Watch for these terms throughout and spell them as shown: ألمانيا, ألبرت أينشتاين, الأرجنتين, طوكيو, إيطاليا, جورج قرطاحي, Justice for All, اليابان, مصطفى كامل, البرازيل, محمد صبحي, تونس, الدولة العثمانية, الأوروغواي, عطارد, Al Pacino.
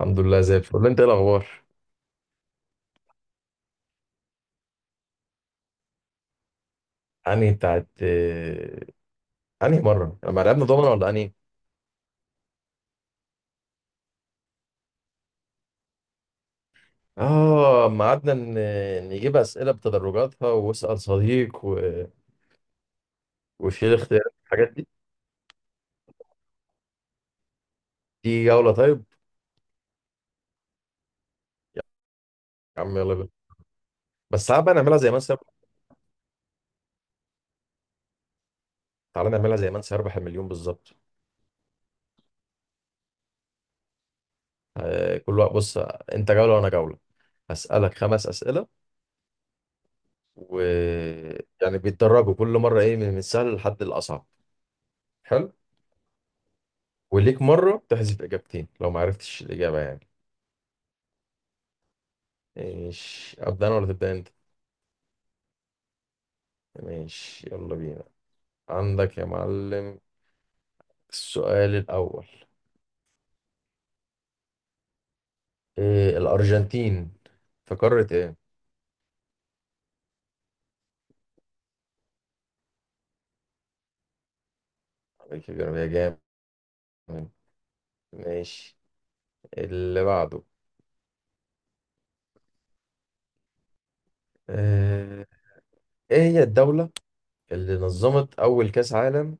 الحمد لله زي الفل. انت ايه الاخبار؟ انهي بتاعت انهي مره لما لعبنا دومنا، ولا انهي؟ اه اما قعدنا نجيب اسئله بتدرجاتها واسال صديق وشيل اختيارات الحاجات دي. دي جوله؟ طيب يا عم، يلا بينا. بس تعال بقى نعملها زي من سيربح. تعالى نعملها زي من سيربح المليون بالظبط. اه، كل وقت بص. انت جوله وانا جوله. هسالك 5 اسئله و يعني بيتدرجوا كل مره ايه، من السهل لحد الاصعب. حلو. وليك مره تحذف اجابتين لو ما عرفتش الاجابه يعني. ماشي، أبدأ أنا ولا تبدأ أنت؟ ماشي يلا بينا. عندك يا معلم. السؤال الأول. إيه، الأرجنتين في قارة إيه؟ عليك كبير يا جامد. ماشي. اللي بعده. إيه إيه هي الدولة اللي نظمت أول كأس عالم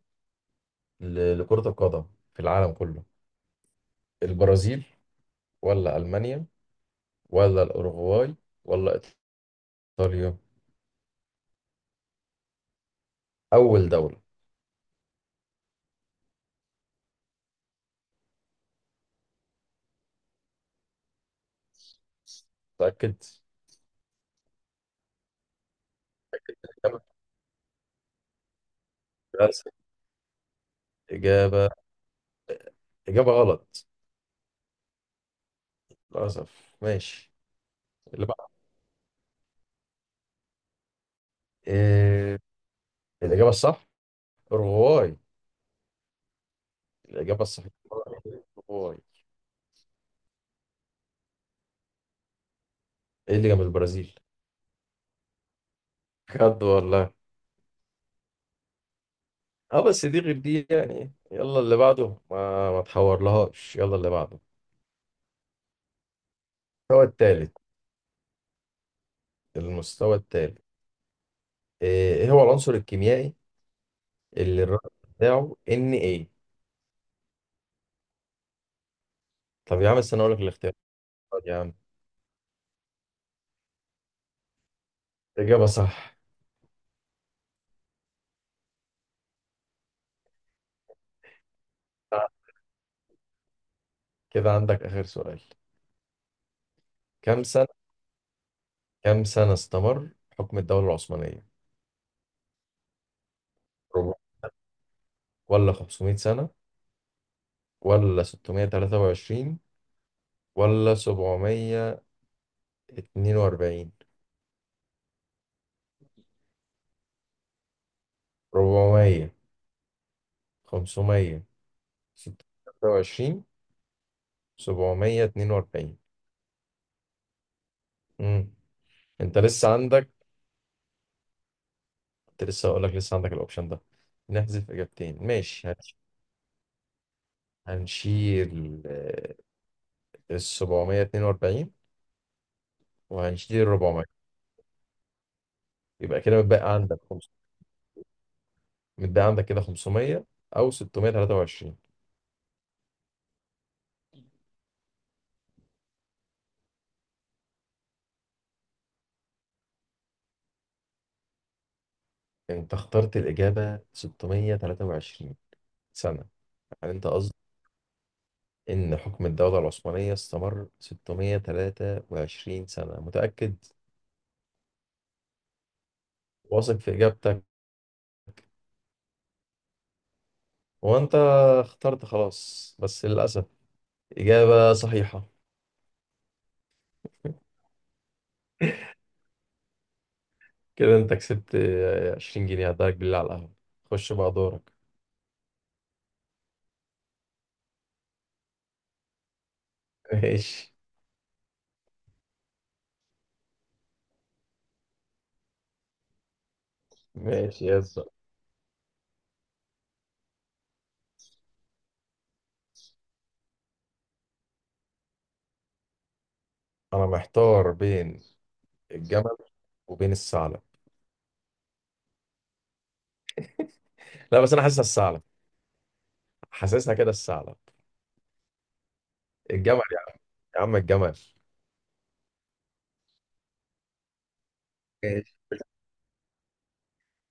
لكرة القدم في العالم كله؟ البرازيل، ولا ألمانيا، ولا الأوروغواي، ولا إيطاليا؟ أول دولة. متأكد؟ إجابة إجابة إجابة غلط. للأسف. ماشي. اللي بقى. إيه الإجابة الصح؟ أوروغواي. الإجابة الصح أوروغواي. إيه اللي جنب البرازيل؟ بجد والله. اه بس دي غير دي يعني. يلا اللي بعده. ما تحور لهاش. يلا اللي بعده. المستوى الثالث. المستوى الثالث. إيه هو العنصر الكيميائي اللي الرقم بتاعه ان ايه؟ طب يا عم استنى اقول لك الاختيار. يا عم. إجابة صح. كده عندك آخر سؤال. كم سنة كم سنة استمر حكم الدولة العثمانية؟ ربع، ولا 500 سنة، ولا 623، ولا 742؟ 400، 500، 623، 742. امم انت لسه عندك. كنت لسه هقول لك لسه عندك الاوبشن ده. نحذف اجابتين، ماشي. هنشيل ال 742. وهنشيل ال 400. يبقى كده متبقى عندك كده 500 او 623. انت اخترت الاجابه 623 سنه؟ يعني انت قصدك إن حكم الدولة العثمانية استمر 623 سنة؟ متأكد؟ واثق في إجابتك؟ وأنت اخترت، خلاص، بس للأسف إجابة صحيحة. كده أنت كسبت 20 جنيه، هداك بالله على القهوة. خش بقى دورك. ماشي. ماشي يا زلمة. أنا محتار بين الجمل، وبين الثعلب. لا بس أنا حاسسها الثعلب. حاسسها كده الثعلب. الجمل يعني. يا عم الجمل. ماشي.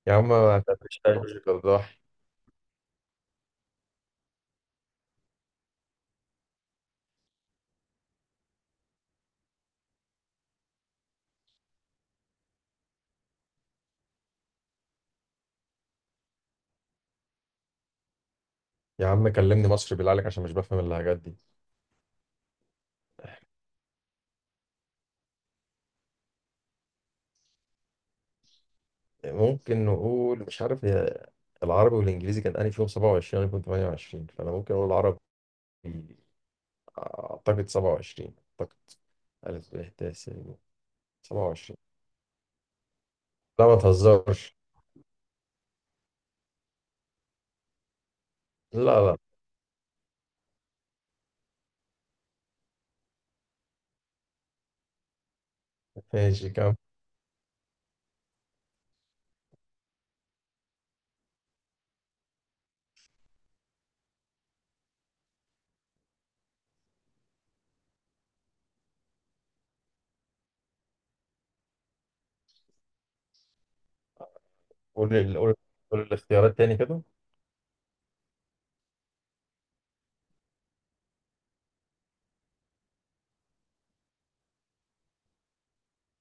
يا عم ما تعملش. يا عم كلمني مصري بالله عليك عشان مش بفهم اللهجات دي. ممكن نقول مش عارف. هي العربي والانجليزي كان انهي فيهم 27، انا كنت 28، فانا ممكن اقول العربي. اعتقد 27. اعتقد. الف ب ت س ج. 27. لا ما تهزرش. لا لا. ماشي كم. قول ال- قول قول الاختيارات تاني كده.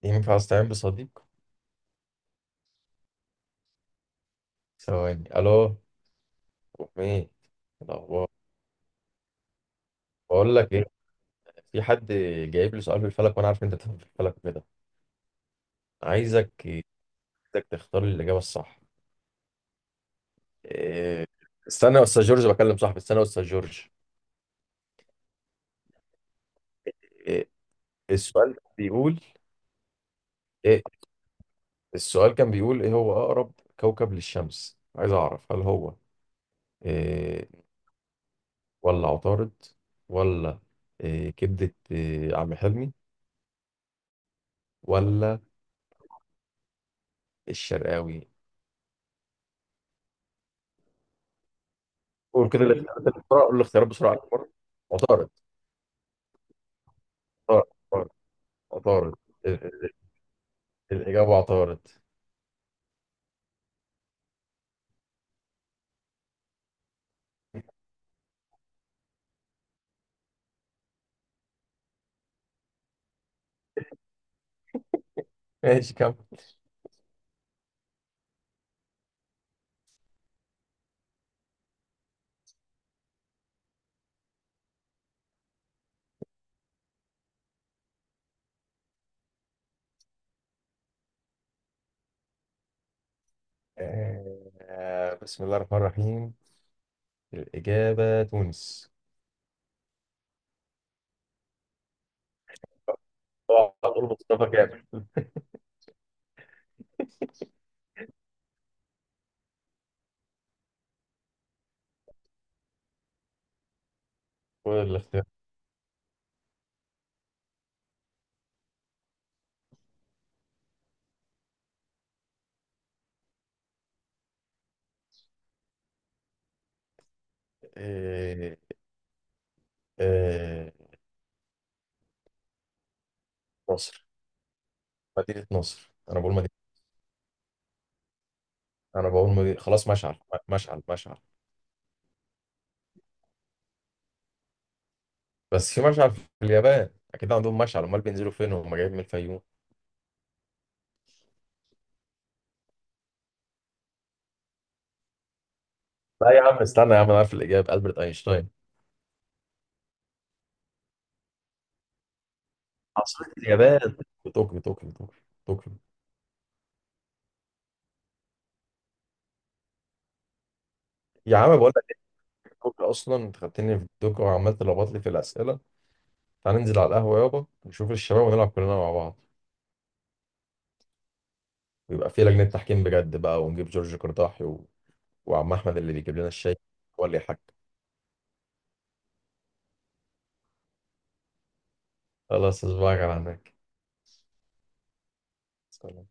ينفع استعين بصديق؟ ثواني. الو. امي. الاخبار؟ بقول لك ايه، في حد جايب لي سؤال في الفلك، وانا عارف إن انت بتفهم في الفلك كده. عايزك عايزك تختار لي الاجابه الصح. إيه، استنى يا استاذ جورج، بكلم صاحبي. استنى يا استاذ جورج. إيه، السؤال كان بيقول. إيه السؤال كان بيقول ايه هو اقرب كوكب للشمس. عايز اعرف هل هو إيه، ولا عطارد، ولا إيه كبدة، إيه عم حلمي، ولا الشرقاوي؟ قول كده الاختيارات اللي بسرعة. قول الاختيارات بسرعة. عطارد. عطارد عطارد عطارد. ال- الإجابة عطارد. ماشي كم. آه بسم الله الرحمن الرحيم. الإجابة تونس. هتقول مصطفى كامل. هو الاختيار إيه إيه؟ ناصر. مدينة نصر، أنا بقول مدينة. أنا بقول مدينة. خلاص مشعل. مشعل مشعل. بس في مشعل في اليابان، أكيد عندهم مشعل، أمال بينزلوا فين وهم جايين من الفيوم؟ لا يا عم، استنى يا عم، أنا عارف الإجابة ألبرت أينشتاين. عاصمة اليابان طوكيو طوكيو طوكيو. طوكيو. يا عم بقول لك طوكيو، أصلا أنت خدتني في طوكيو وعمال تلخبط لي في الأسئلة. تعال ننزل على القهوة يابا، نشوف الشباب ونلعب كلنا مع بعض. ويبقى في لجنة تحكيم بجد بقى، ونجيب جورج قرطاحي وعم احمد اللي بيجيب لنا الشاي. هو اللي يحكم. خلاص أصبعك على هناك. سلام.